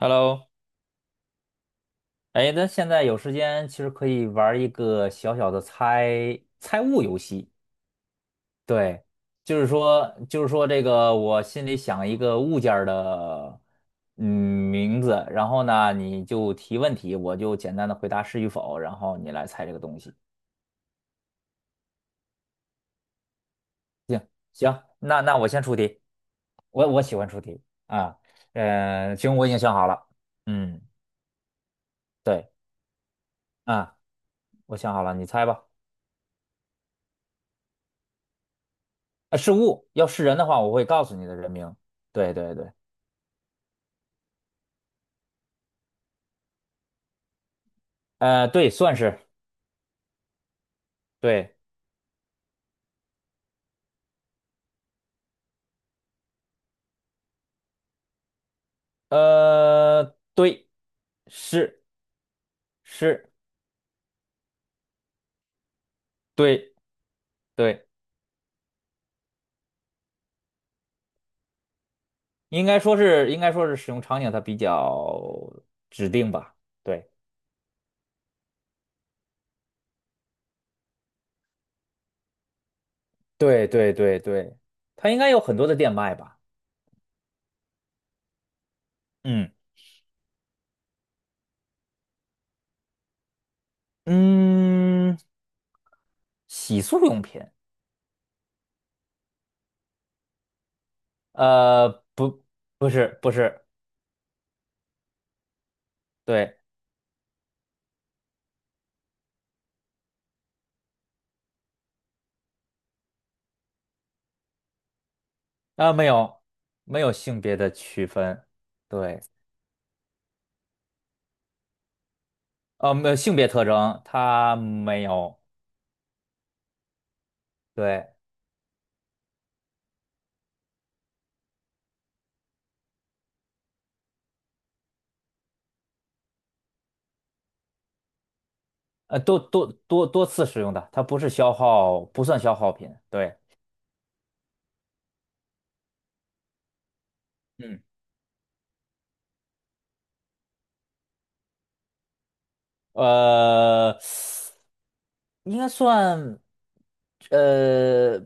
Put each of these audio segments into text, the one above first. Hello，哎，咱现在有时间，其实可以玩儿一个小小的猜猜物游戏。对，就是说，这个我心里想一个物件儿的嗯名字，然后呢，你就提问题，我就简单的回答是与否，然后你来猜这个东西。行行，那我先出题，我喜欢出题，啊，行，我已经想好了，嗯，对，啊，我想好了，你猜吧。呃，是物，要是人的话，我会告诉你的人名。对对对，对，算是。对，呃，对，是是，对对，应该说是使用场景它比较指定吧。对对对对对，它应该有很多的店卖吧。嗯嗯，洗漱用品，呃，不不是不是，对，啊、没有没有性别的区分，对。没有性别特征，它没有，对，多次使用的，它不是消耗，不算消耗品，对，嗯，呃，应该算，呃，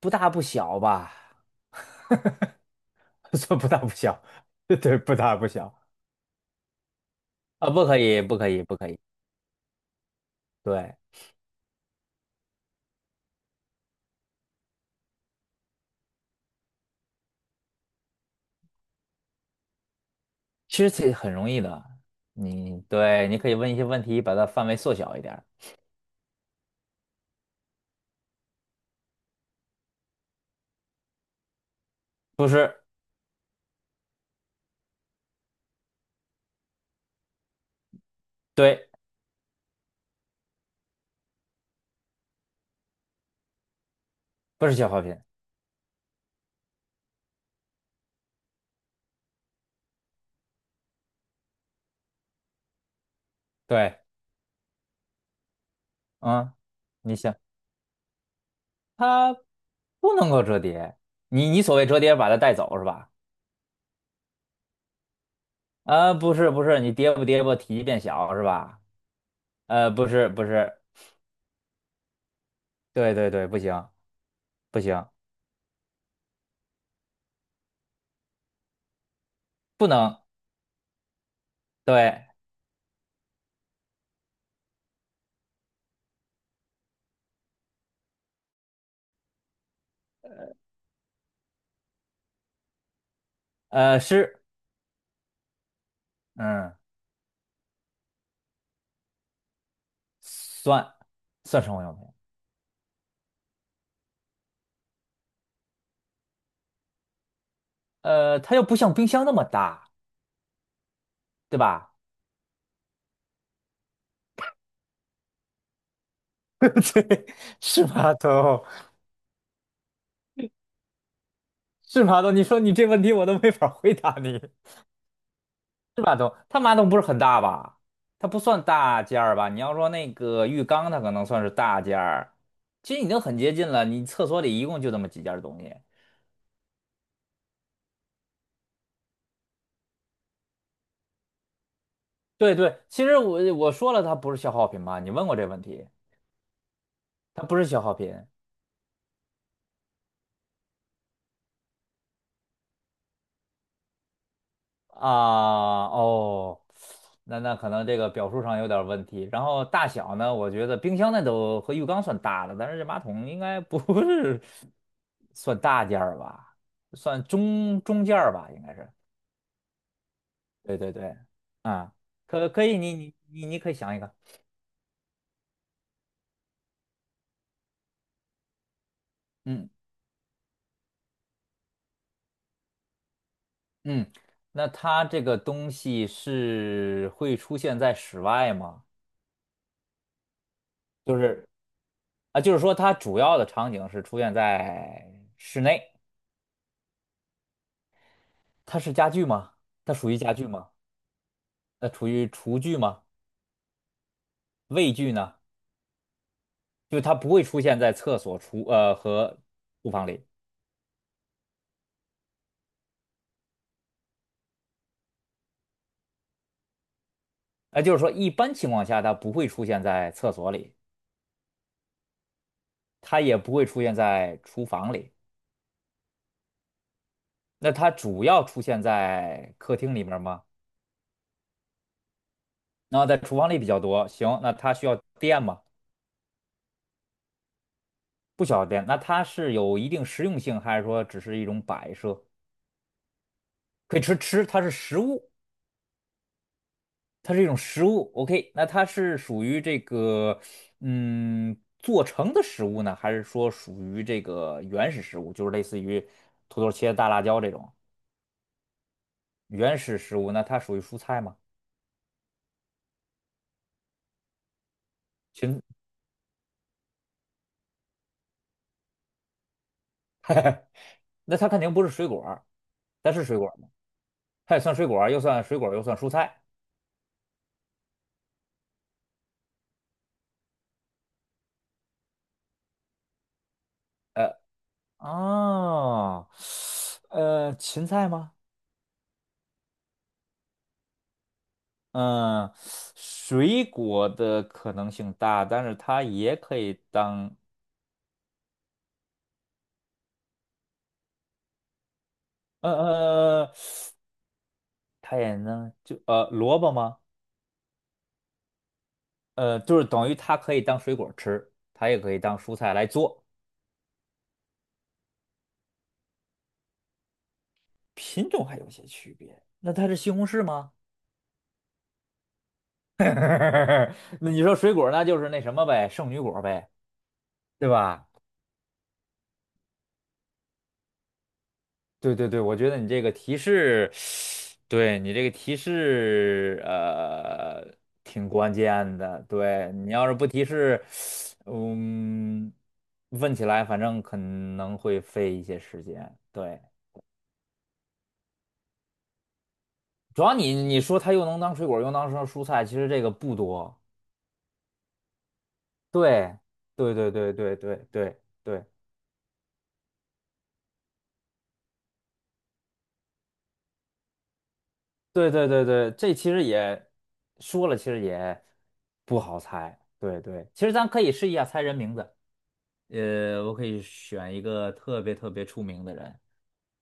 不大不小吧，算不大不小，对，不大不小，啊，不可以，不可以，不可以，对。其实这很容易的，你对，你可以问一些问题，把它范围缩小一点儿。不是。对，不是消耗品，对，嗯。你想。它不能够折叠。你所谓折叠，把它带走是吧？啊，不是不是，你叠不叠不，体积变小是吧？不是不是，对对对，不行不行，不能对，是，嗯，算算生活用品。它又不像冰箱那么大，对吧？对，是吧头是吧头你说你这问题我都没法回答你。是马桶，它马桶不是很大吧？它不算大件儿吧？你要说那个浴缸，它可能算是大件儿。其实已经很接近了，你厕所里一共就这么几件儿东西。对对，其实我说了，它不是消耗品嘛？你问过这问题，它不是消耗品啊。哦，那可能这个表述上有点儿问题。然后大小呢，我觉得冰箱那都和浴缸算大的，但是这马桶应该不是 算大件儿吧？算中件儿吧，应该是。对对对，啊，可以，你可以想一个。嗯嗯，那它这个东西是会出现在室外吗？就是啊，就是说它主要的场景是出现在室内，它是家具吗？它属于家具吗？那属于厨具吗？卫具呢？就它不会出现在厕所、和厨房里，啊，就是说一般情况下它不会出现在厕所里，它也不会出现在厨房里。那它主要出现在客厅里面儿吗？然后在厨房里比较多。行，那它需要电吗？不需要电。那它是有一定实用性，还是说只是一种摆设？可以吃吃，它是食物，它是一种食物。OK，那它是属于这个做成的食物呢，还是说属于这个原始食物，就是类似于土豆切大辣椒这种原始食物？那它属于蔬菜吗？芹，那它肯定不是水果儿。它是水果儿吗？它也算水果儿又算蔬菜。呃，哦，芹菜吗？嗯，水果的可能性大，但是它也可以当，呃呃，呃它也能就萝卜吗？就是等于它可以当水果吃，它也可以当蔬菜来做，品种还有些区别。那它是西红柿吗？那你说水果，那就是那什么呗，圣女果呗，对吧？对对对，我觉得你这个提示，对你这个提示，挺关键的。对你要是不提示，嗯，问起来反正可能会费一些时间。对，主要你说它又能当水果，又能当蔬菜，其实这个不多。对，对对对对对对对对对对对，这其实也说了，其实也不好猜。对对，其实咱可以试一下猜人名字。我可以选一个特别特别出名的人，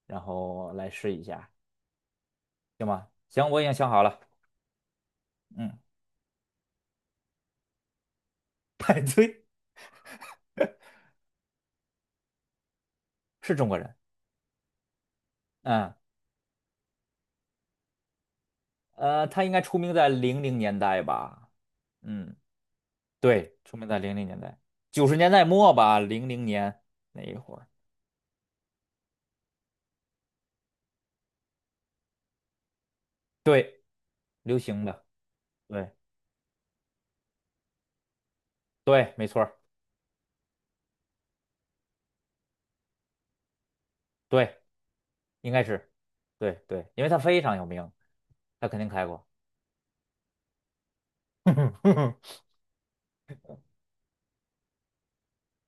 然后来试一下，行吗？行，我已经想好了。嗯，派对是中国人。嗯，他应该出名在零零年代吧？嗯，对，出名在零零年代，90年代末吧，零零年那一会儿，对，流行的，对，对，没错儿对，应该是，对对，因为他非常有名，他肯定开过。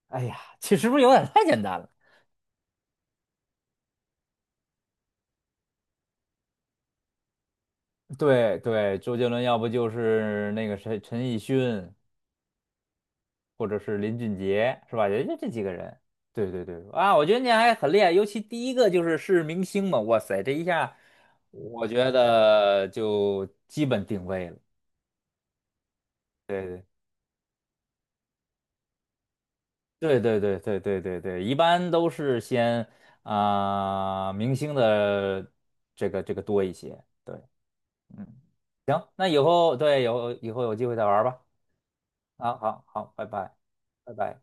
哎呀，其实是不是有点太简单了？对对，周杰伦要不就是那个谁陈奕迅，或者是林俊杰，是吧？也就这几个人。对对对，啊，我觉得你还很厉害，尤其第一个是明星嘛，哇塞，这一下我觉得就基本定位了。对对对对对对对对对，一般都是先啊、明星的这个多一些。对，嗯，行，那以后对有以后有机会再玩吧。啊，好好，拜拜，拜拜。